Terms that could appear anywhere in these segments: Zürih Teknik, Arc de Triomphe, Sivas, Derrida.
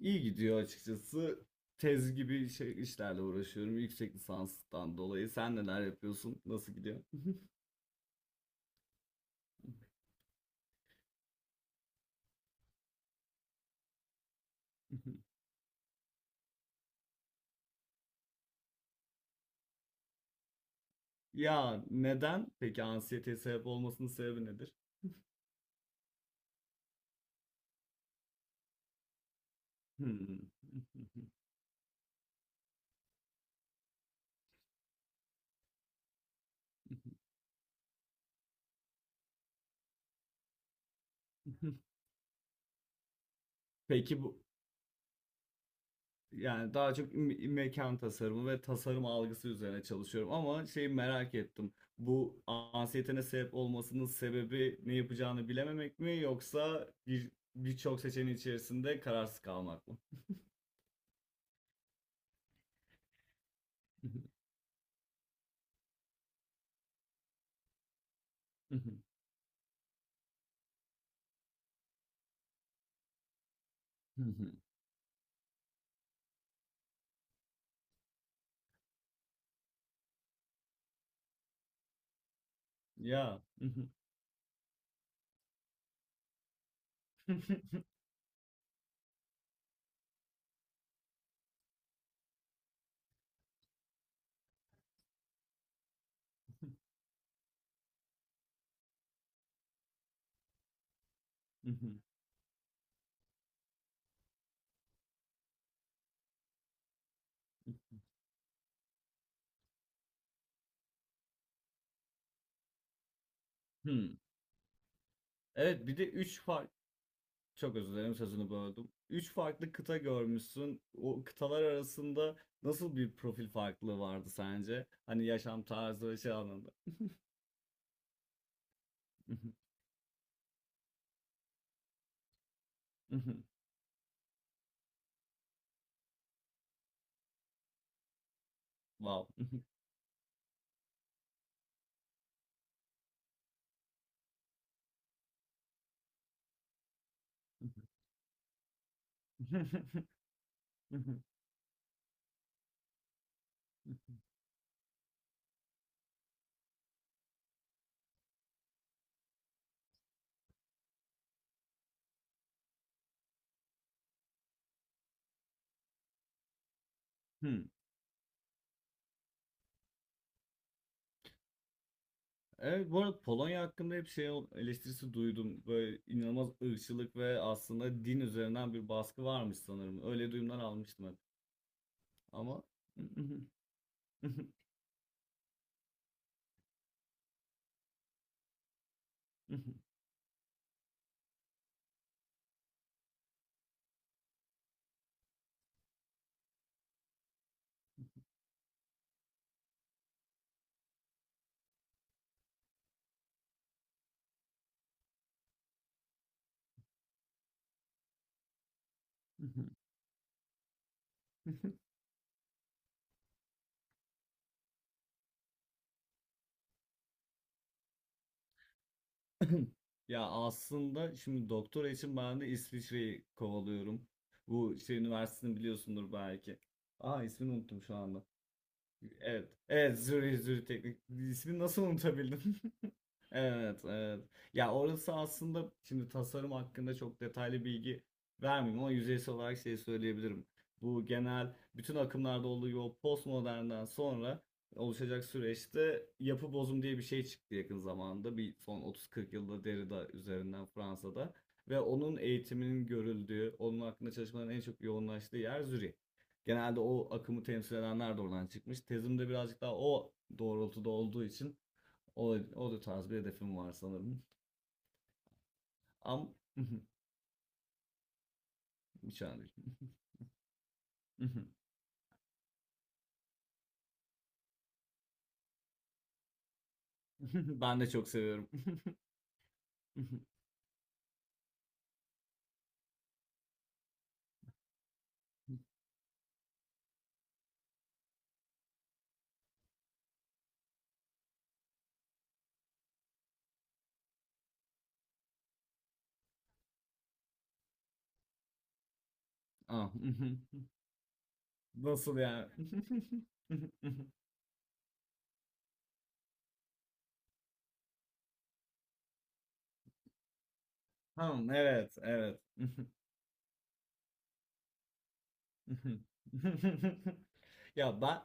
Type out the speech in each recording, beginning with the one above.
İyi gidiyor açıkçası. Tez gibi şey, işlerle uğraşıyorum yüksek lisanstan dolayı. Sen neler yapıyorsun? Nasıl gidiyor? Ya neden? Peki anksiyeteye sebep olmasının sebebi nedir? Hmm. Peki bu yani daha çok mekan tasarımı ve tasarım algısı üzerine çalışıyorum ama şeyi merak ettim. Bu anksiyetene sebep olmasının sebebi ne yapacağını bilememek mi yoksa birçok seçeneğin içerisinde kararsız kalmak mı? Hı hı. Ya. Hı hı. Hı hı. Hı. Evet bir de 3 fark, çok özür dilerim sözünü böldüm. 3 farklı kıta görmüşsün. O kıtalar arasında nasıl bir profil farklılığı vardı sence? Hani yaşam tarzı ve şey anlamında. Wow. Hmm. Evet bu arada Polonya hakkında hep eleştirisi duydum. Böyle inanılmaz ırkçılık ve aslında din üzerinden bir baskı varmış sanırım. Öyle duyumlar almıştım hep. Ama Ya aslında şimdi doktora için ben de İsviçre'yi kovalıyorum. Bu şey üniversitesini biliyorsundur belki. Aa, ismini unuttum şu anda. Evet. Evet Zürih Teknik. İsmini nasıl unutabildim? Evet, evet. Ya orası aslında şimdi tasarım hakkında çok detaylı bilgi vermeyeyim ama yüzeysel olarak şey söyleyebilirim. Bu genel bütün akımlarda olduğu gibi o postmodernden sonra oluşacak süreçte yapı bozum diye bir şey çıktı yakın zamanda. Bir son 30-40 yılda Derrida üzerinden Fransa'da ve onun eğitiminin görüldüğü, onun hakkında çalışmaların en çok yoğunlaştığı yer Zürih. Genelde o akımı temsil edenler de oradan çıkmış. Tezim de birazcık daha o doğrultuda olduğu için o, o da tarz bir hedefim var sanırım. Am hiç önemli değil. Ben de çok seviyorum. Ah, Nasıl yani? Tamam, evet, evet. Ya ben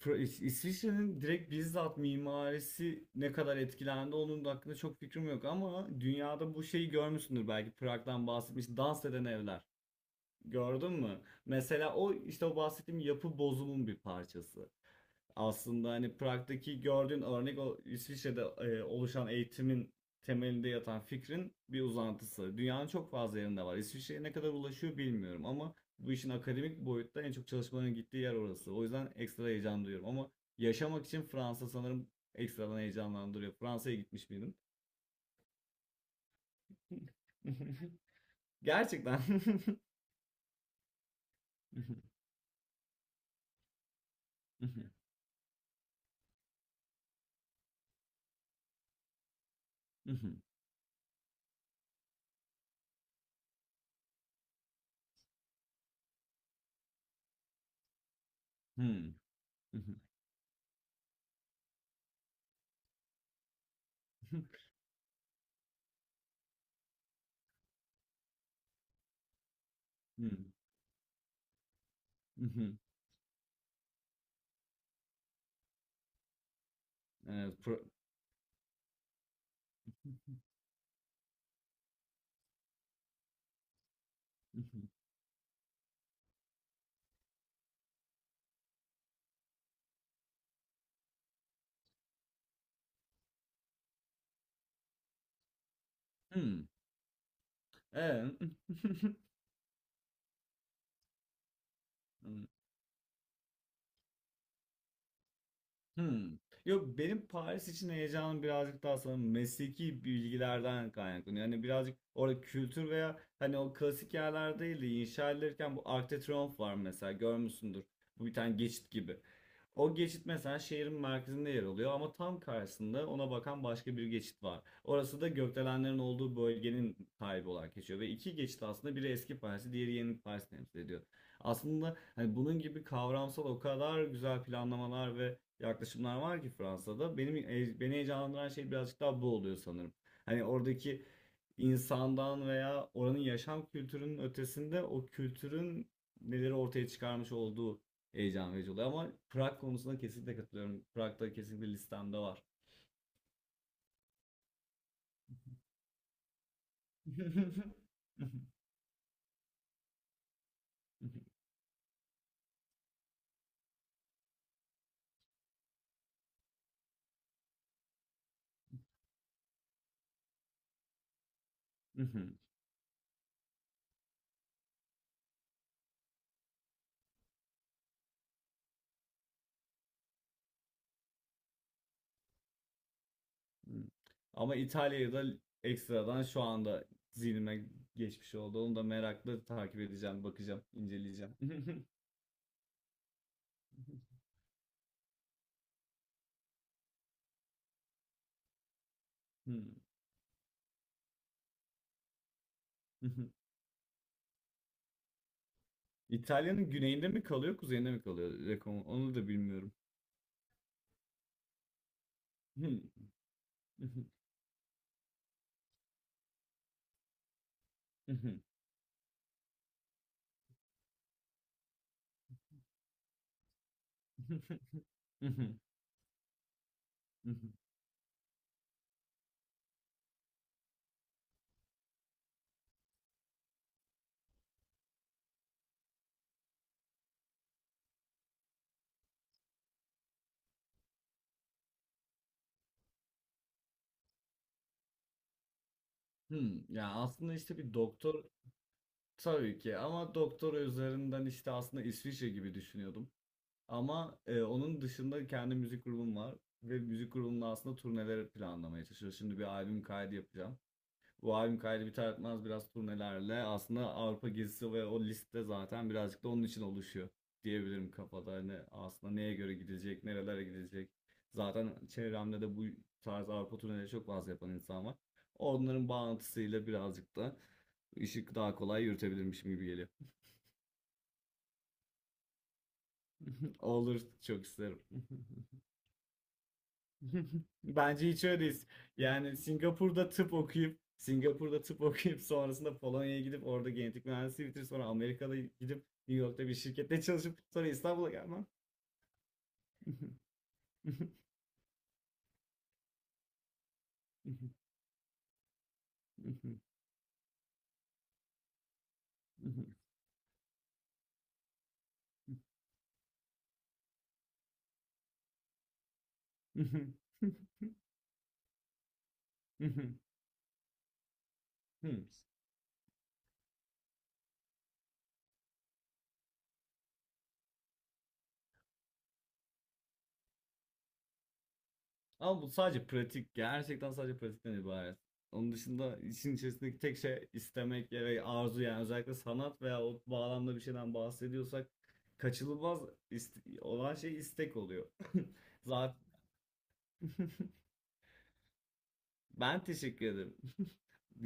İsviçre'nin direkt bizzat mimarisi ne kadar etkilendi onun da hakkında çok fikrim yok ama dünyada bu şeyi görmüşsündür belki Prag'dan bahsetmiş dans eden evler. Gördün mü? Mesela o işte o bahsettiğim yapı bozumun bir parçası. Aslında hani Prag'daki gördüğün örnek o İsviçre'de oluşan eğitimin temelinde yatan fikrin bir uzantısı. Dünyanın çok fazla yerinde var. İsviçre'ye ne kadar ulaşıyor bilmiyorum ama bu işin akademik boyutta en çok çalışmaların gittiği yer orası. O yüzden ekstra heyecan duyuyorum ama yaşamak için Fransa sanırım ekstradan heyecanlandırıyor. Fransa'ya gitmiş miydin? Gerçekten. Hmm. I hı. Evet, Hı, hmm. Hımm. Evet. Hımm. Yok, benim Paris için heyecanım birazcık daha sanırım mesleki bilgilerden kaynaklanıyor. Yani birazcık orada kültür veya hani o klasik yerler değil de inşa edilirken bu Arc de Triomphe var mesela görmüşsündür. Bu bir tane geçit gibi. O geçit mesela şehrin merkezinde yer alıyor ama tam karşısında ona bakan başka bir geçit var. Orası da gökdelenlerin olduğu bölgenin sahibi olarak geçiyor ve iki geçit aslında biri eski Paris'i diğeri yeni Paris'i temsil ediyor. Aslında hani bunun gibi kavramsal o kadar güzel planlamalar ve yaklaşımlar var ki Fransa'da. Benim beni heyecanlandıran şey birazcık daha bu oluyor sanırım. Hani oradaki insandan veya oranın yaşam kültürünün ötesinde o kültürün neleri ortaya çıkarmış olduğu heyecan verici oluyor. Ama Prag konusunda kesinlikle katılıyorum. Prag'da kesinlikle listemde var. Ama İtalya'yı da ekstradan şu anda zihnime geçmiş oldu. Onu da merakla takip edeceğim, bakacağım, inceleyeceğim. İtalya'nın güneyinde mi kalıyor, kuzeyinde mi kalıyor? Rekon, onu da bilmiyorum. Ya aslında işte bir doktor, tabii ki, ama doktor üzerinden işte aslında İsviçre gibi düşünüyordum. Ama onun dışında kendi müzik grubum var ve müzik grubumla aslında turneler planlamaya çalışıyorum. Şimdi bir albüm kaydı yapacağım. Bu albüm kaydı biter etmez biraz turnelerle aslında Avrupa gezisi ve o liste zaten birazcık da onun için oluşuyor diyebilirim kafada. Hani aslında neye göre gidilecek, nerelere gidilecek. Zaten çevremde de bu tarz Avrupa turneleri çok fazla yapan insan var. Onların bağlantısıyla birazcık da işi daha kolay yürütebilirmişim gibi geliyor. Olur, çok isterim. Bence hiç öyle değil. Yani Singapur'da tıp okuyup Singapur'da tıp okuyup sonrasında Polonya'ya gidip orada genetik mühendisliği bitirip sonra Amerika'da gidip New York'ta bir şirkette çalışıp sonra İstanbul'a gelmem. Ama bu sadece pratik. Gerçekten sadece pratikten ibaret. Onun dışında işin içerisindeki tek şey istemek ve arzu, yani özellikle sanat veya o bağlamda bir şeyden bahsediyorsak kaçınılmaz olan şey istek oluyor. Zaten ben teşekkür ederim.